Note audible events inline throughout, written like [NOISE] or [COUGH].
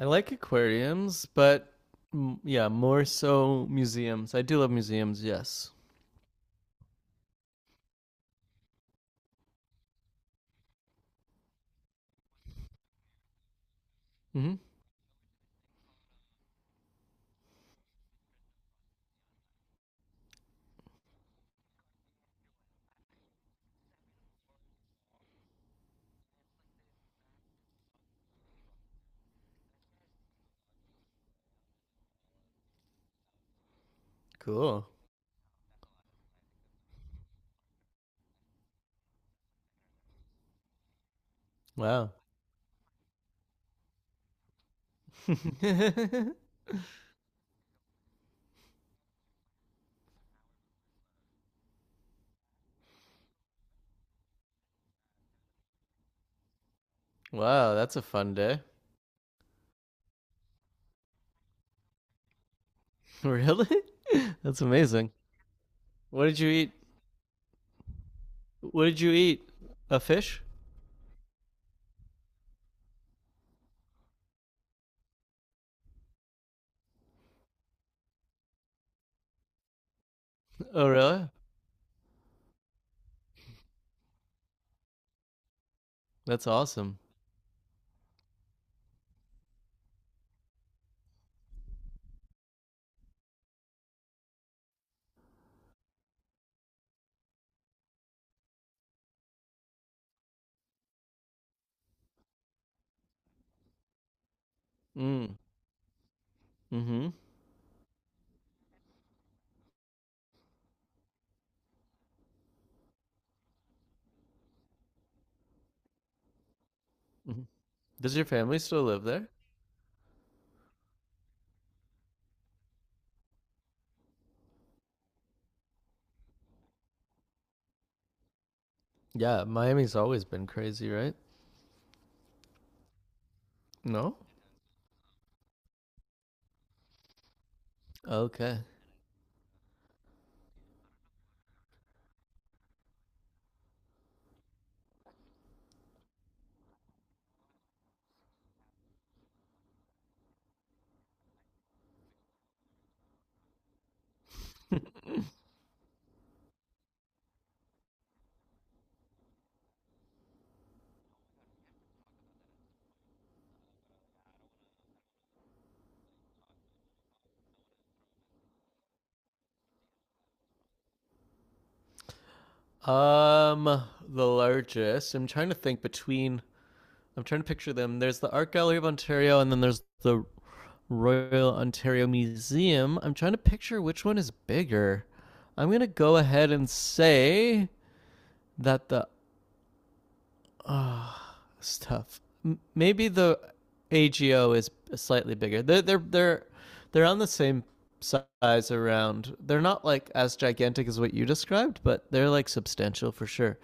I like aquariums, but mm, yeah, more so museums. I do love museums, yes. hmm Cool. Wow. [LAUGHS] Wow, that's a fun day. [LAUGHS] Really? [LAUGHS] That's amazing. What did you eat? What did you eat? A fish? Oh, really? That's awesome. Mm. Mm-hmm. hmm Does your family still live there? Yeah, Miami's always been crazy, right? No? Okay. Um, the largest. I'm trying to picture them. There's the Art Gallery of Ontario, and then there's the Royal Ontario Museum. I'm trying to picture which one is bigger. I'm gonna go ahead and say that the stuff. Maybe the AGO is slightly bigger. They're on the same size around. They're not like as gigantic as what you described, but they're like substantial for sure.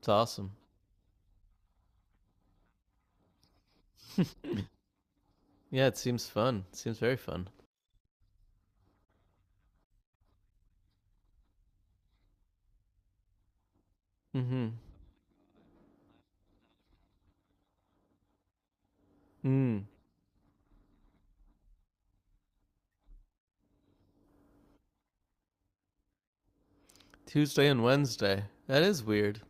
It's awesome. Yeah, it seems fun. It seems very fun. Mm-hmm. Mm. Tuesday and Wednesday. That is weird.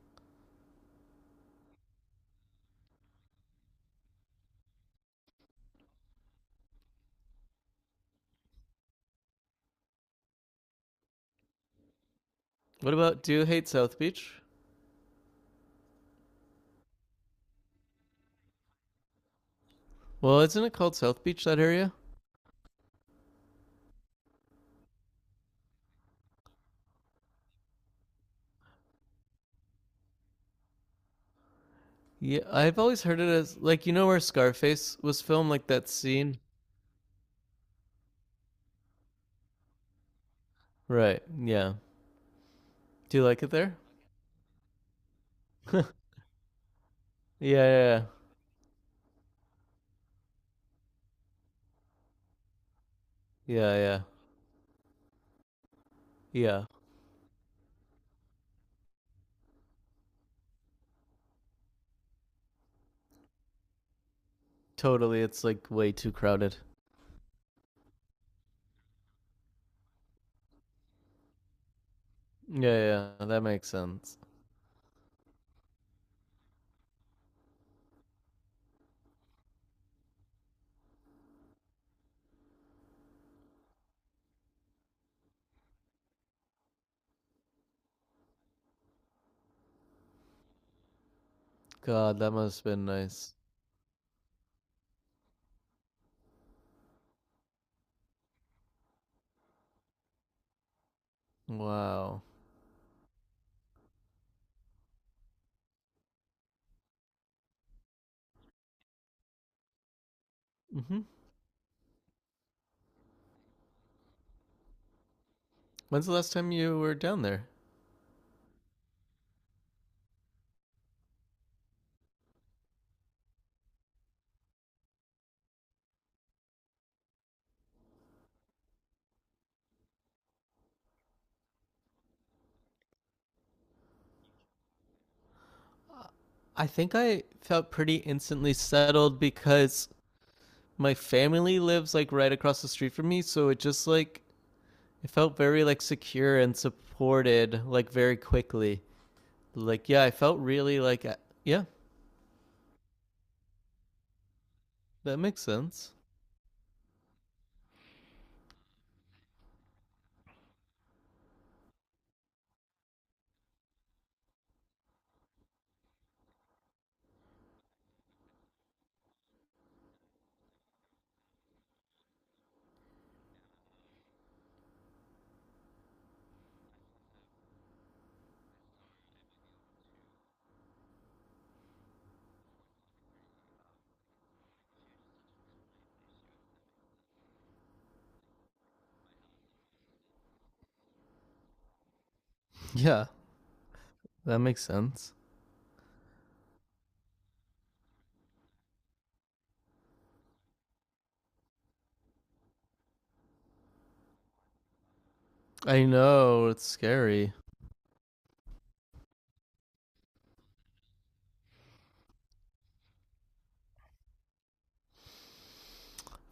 What about do you hate South Beach? Well, isn't it called South Beach that area? Yeah, I've always heard it as like you know where Scarface was filmed, like that scene. Right. Yeah. Do you like it there? [LAUGHS] Yeah, yeah, yeah, yeah, yeah, yeah. Totally. It's like way too crowded. Yeah, yeah, yeah. That makes sense. God, that must have been nice. Wow. hmm When's the last time you were down there? I think I felt pretty instantly settled because my family lives like right across the street from me, so it just like it felt very like secure and supported like very quickly. Like yeah, I felt really like yeah, that makes sense. [LAUGHS] Yeah, that makes sense. I know it's scary.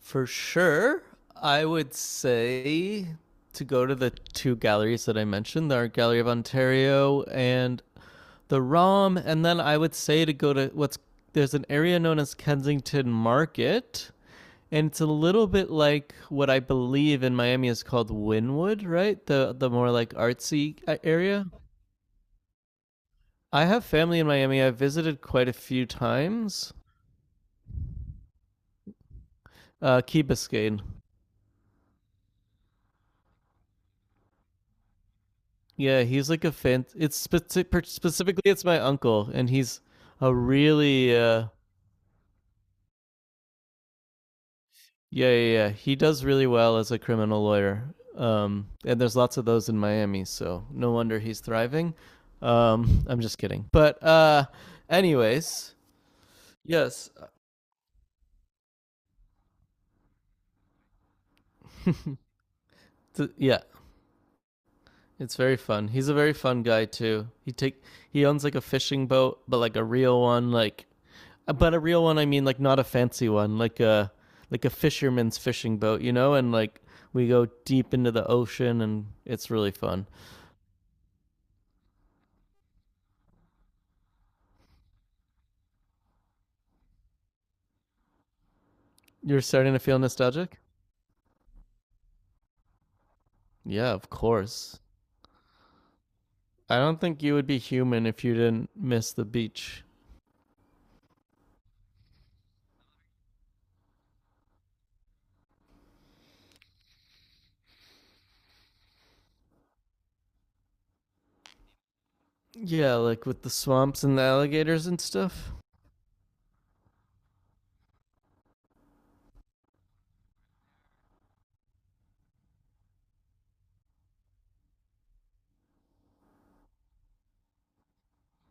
For sure, I would say to go to the two galleries that I mentioned, the Art Gallery of Ontario and the ROM, and then I would say to go to what's there's an area known as Kensington Market. And it's a little bit like what I believe in Miami is called Wynwood, right? The more like artsy area. I have family in Miami. I've visited quite a few times. Key Biscayne. Yeah, he's like a fan. It's specifically it's my uncle, and he's a really yeah, yeah, yeah. He does really well as a criminal lawyer. And there's lots of those in Miami, so no wonder he's thriving. I'm just kidding. But anyways, yes, [LAUGHS] yeah, it's very fun. He's a very fun guy too. He owns like a fishing boat, but like a real one, like but a real one. I mean, like not a fancy one, like a fisherman's fishing boat. And like we go deep into the ocean, and it's really fun. You're starting to feel nostalgic. Yeah, of course. I don't think you would be human if you didn't miss the beach. Yeah, like with the swamps and the alligators and stuff.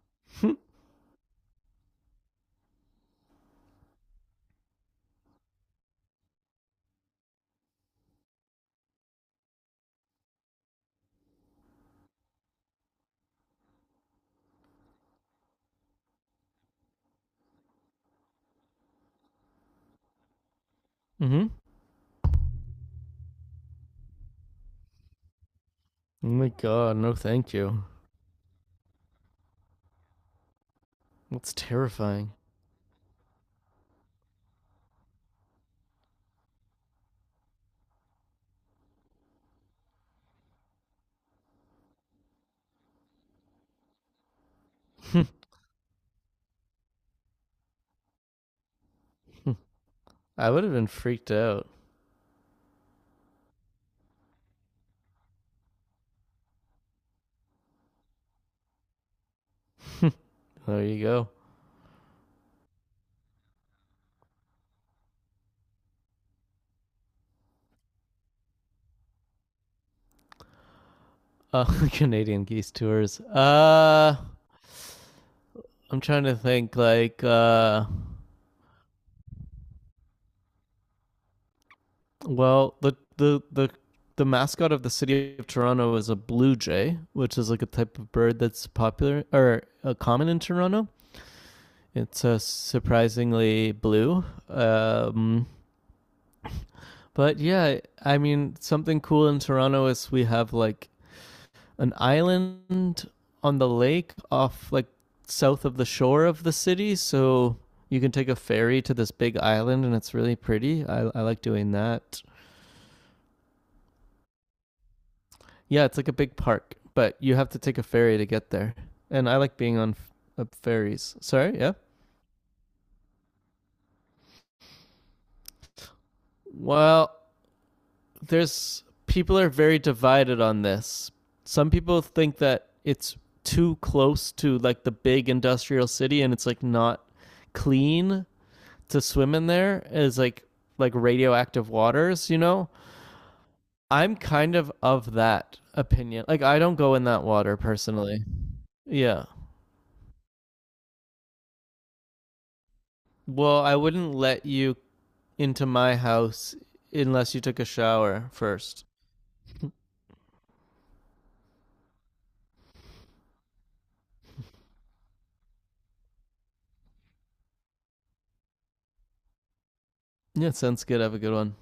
[LAUGHS] mm-hmm. Oh my god, no, thank you. That's terrifying. I would have been freaked out. [LAUGHS] There you go. Uh, [LAUGHS] Canadian geese tours. I'm trying to think. Like, well, the mascot of the city of Toronto is a blue jay, which is like a type of bird that's popular or common in Toronto. It's surprisingly blue. But yeah, I mean, something cool in Toronto is we have like an island on the lake off like south of the shore of the city. So you can take a ferry to this big island and it's really pretty. I like doing that. Yeah, it's like a big park, but you have to take a ferry to get there. And I like being on ferries. Sorry, yeah. Well, there's people are very divided on this. Some people think that it's too close to like the big industrial city and it's like not clean to swim in there is like radioactive waters, you know? I'm kind of that opinion. Like I don't go in that water personally. Yeah. Well, I wouldn't let you into my house unless you took a shower first. Yeah, sounds good. Have a good one.